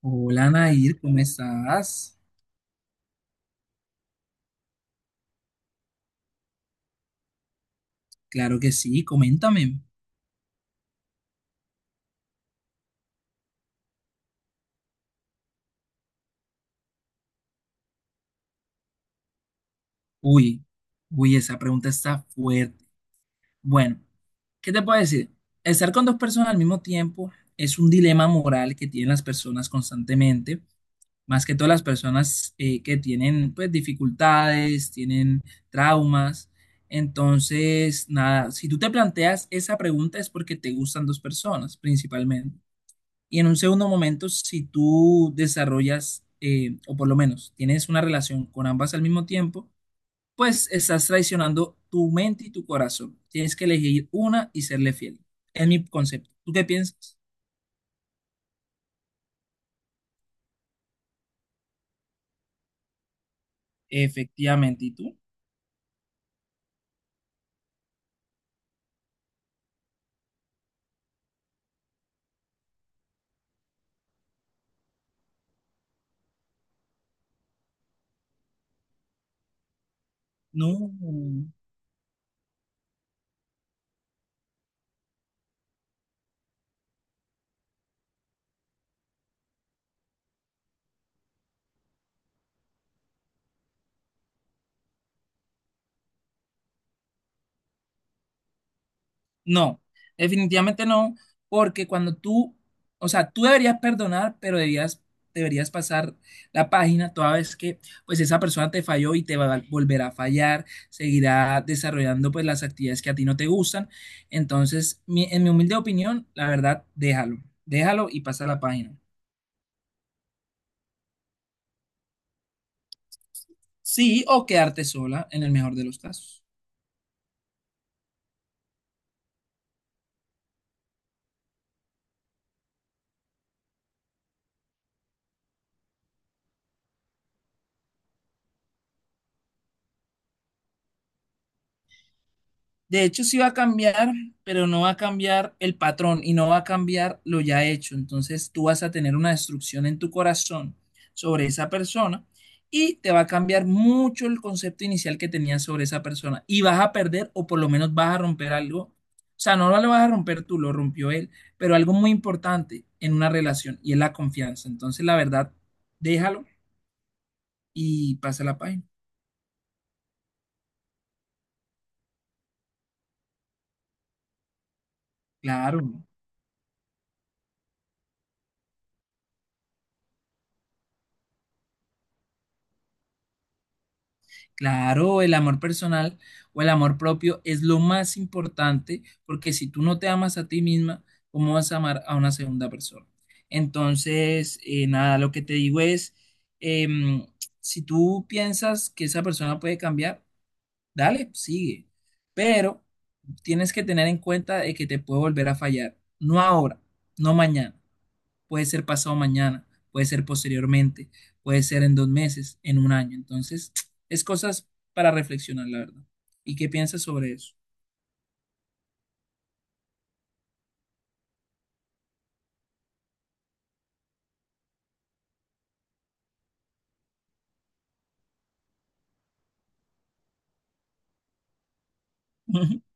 Hola Nair, ¿cómo estás? Claro que sí, coméntame. Uy, uy, esa pregunta está fuerte. Bueno, ¿qué te puedo decir? Estar con dos personas al mismo tiempo es un dilema moral que tienen las personas constantemente, más que todas las personas que tienen pues dificultades, tienen traumas. Entonces, nada, si tú te planteas esa pregunta es porque te gustan dos personas principalmente. Y en un segundo momento, si tú desarrollas, o por lo menos tienes una relación con ambas al mismo tiempo, pues estás traicionando tu mente y tu corazón. Tienes que elegir una y serle fiel. Es mi concepto. ¿Tú qué piensas? Efectivamente. ¿Y tú? No. No, definitivamente no, porque o sea, tú deberías perdonar, pero deberías pasar la página toda vez que pues esa persona te falló y te va a volver a fallar, seguirá desarrollando pues las actividades que a ti no te gustan. Entonces, en mi humilde opinión, la verdad, déjalo y pasa la página. Sí, o quedarte sola en el mejor de los casos. De hecho, sí va a cambiar, pero no va a cambiar el patrón y no va a cambiar lo ya hecho. Entonces, tú vas a tener una destrucción en tu corazón sobre esa persona y te va a cambiar mucho el concepto inicial que tenías sobre esa persona y vas a perder o por lo menos vas a romper algo. O sea, no lo vas a romper tú, lo rompió él, pero algo muy importante en una relación y es la confianza. Entonces, la verdad, déjalo y pasa la página. Claro, ¿no? Claro, el amor personal o el amor propio es lo más importante porque si tú no te amas a ti misma, ¿cómo vas a amar a una segunda persona? Entonces, nada, lo que te digo es, em, si tú piensas que esa persona puede cambiar, dale, sigue, pero tienes que tener en cuenta de que te puede volver a fallar, no ahora, no mañana, puede ser pasado mañana, puede ser posteriormente, puede ser en dos meses, en un año. Entonces, es cosas para reflexionar, la verdad. ¿Y qué piensas sobre eso?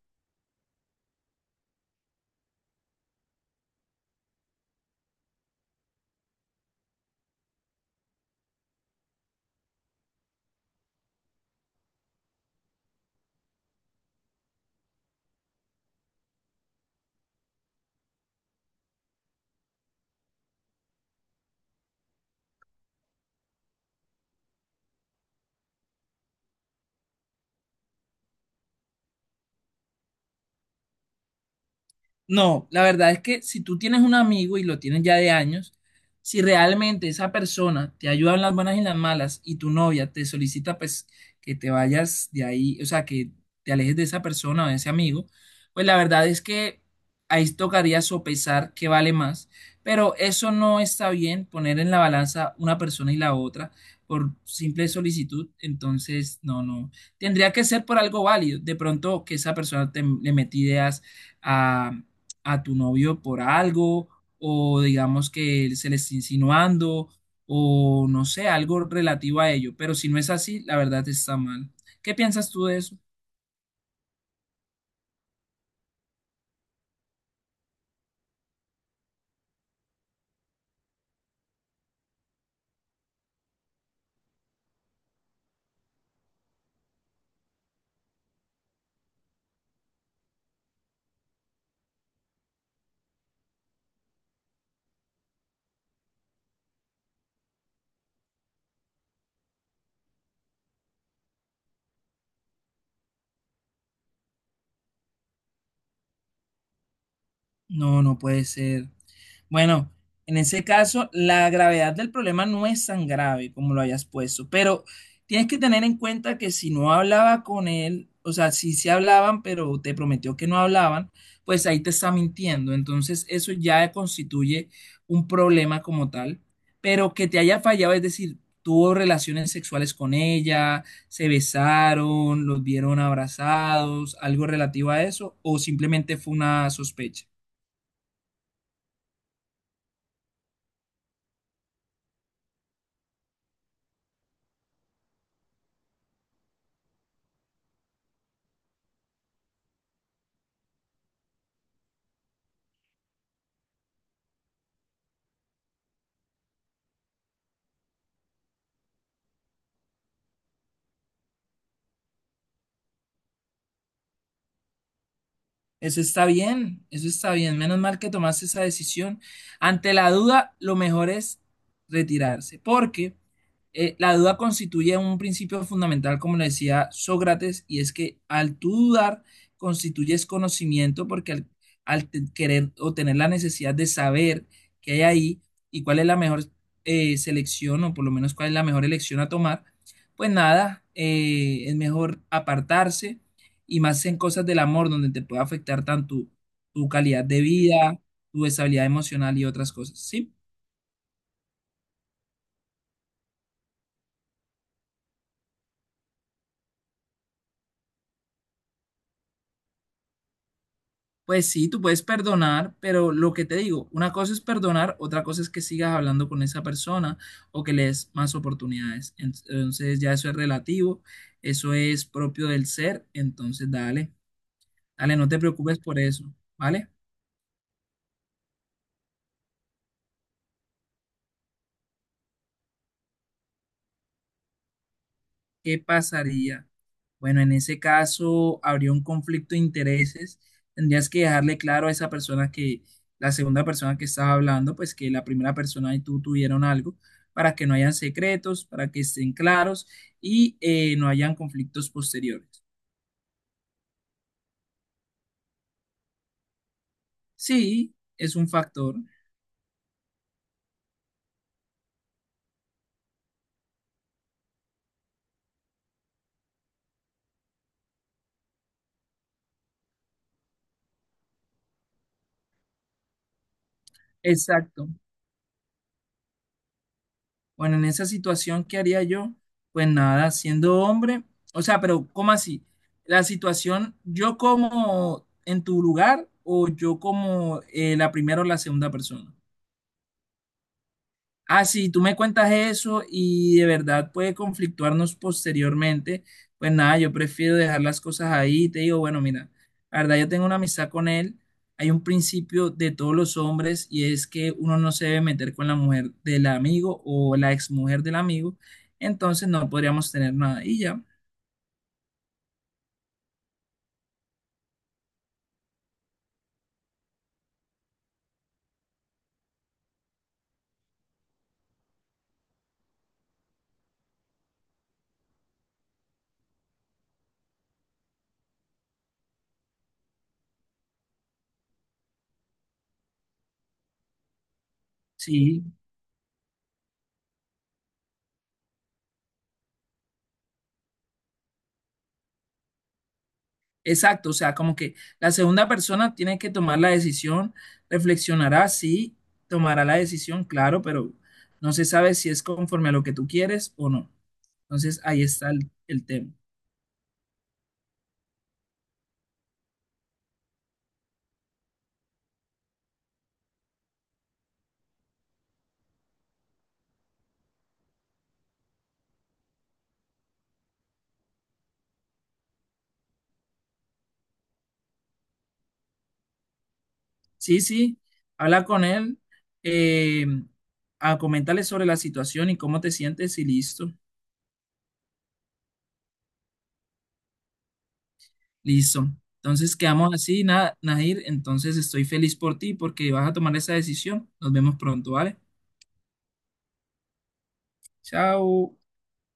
No, la verdad es que si tú tienes un amigo y lo tienes ya de años, si realmente esa persona te ayuda en las buenas y en las malas y tu novia te solicita pues que te vayas de ahí, o sea, que te alejes de esa persona o de ese amigo, pues la verdad es que ahí tocaría sopesar qué vale más, pero eso no está bien poner en la balanza una persona y la otra por simple solicitud, entonces no, no, tendría que ser por algo válido, de pronto que esa persona te, le mete ideas a a tu novio por algo o digamos que él se le está insinuando o no sé, algo relativo a ello. Pero si no es así, la verdad está mal. ¿Qué piensas tú de eso? No, no puede ser. Bueno, en ese caso, la gravedad del problema no es tan grave como lo hayas puesto, pero tienes que tener en cuenta que si no hablaba con él, o sea, si se hablaban, pero te prometió que no hablaban, pues ahí te está mintiendo. Entonces, eso ya constituye un problema como tal, pero que te haya fallado, es decir, tuvo relaciones sexuales con ella, se besaron, los vieron abrazados, algo relativo a eso, o simplemente fue una sospecha. Eso está bien, eso está bien. Menos mal que tomaste esa decisión. Ante la duda, lo mejor es retirarse, porque la duda constituye un principio fundamental, como le decía Sócrates, y es que al tú dudar, constituyes conocimiento, porque querer o tener la necesidad de saber qué hay ahí y cuál es la mejor selección, o por lo menos cuál es la mejor elección a tomar, pues nada, es mejor apartarse y más en cosas del amor, donde te puede afectar tanto tu calidad de vida, tu estabilidad emocional y otras cosas, ¿sí? Pues sí, tú puedes perdonar, pero lo que te digo, una cosa es perdonar, otra cosa es que sigas hablando con esa persona o que le des más oportunidades. Entonces ya eso es relativo, eso es propio del ser, entonces dale, no te preocupes por eso, ¿vale? ¿Qué pasaría? Bueno, en ese caso habría un conflicto de intereses. Tendrías que dejarle claro a esa persona que la segunda persona que estaba hablando, pues que la primera persona y tú tuvieron algo para que no hayan secretos, para que estén claros y no hayan conflictos posteriores. Sí, es un factor. Exacto. Bueno, en esa situación, ¿qué haría yo? Pues nada, siendo hombre, o sea, pero ¿cómo así? La situación, ¿yo como en tu lugar o yo como la primera o la segunda persona? Ah, sí, tú me cuentas eso y de verdad puede conflictuarnos posteriormente. Pues nada, yo prefiero dejar las cosas ahí. Te digo, bueno, mira, la verdad yo tengo una amistad con él. Hay un principio de todos los hombres y es que uno no se debe meter con la mujer del amigo o la exmujer del amigo. Entonces no podríamos tener nada. Y ya, sí. Exacto, o sea, como que la segunda persona tiene que tomar la decisión, reflexionará, sí, tomará la decisión, claro, pero no se sabe si es conforme a lo que tú quieres o no. Entonces, ahí está el tema. Sí, sí, habla con él, eh, coméntale sobre la situación y cómo te sientes y listo. Entonces, quedamos así, nada, Nahir, entonces estoy feliz por ti porque vas a tomar esa decisión. Nos vemos pronto, ¿vale? Chao.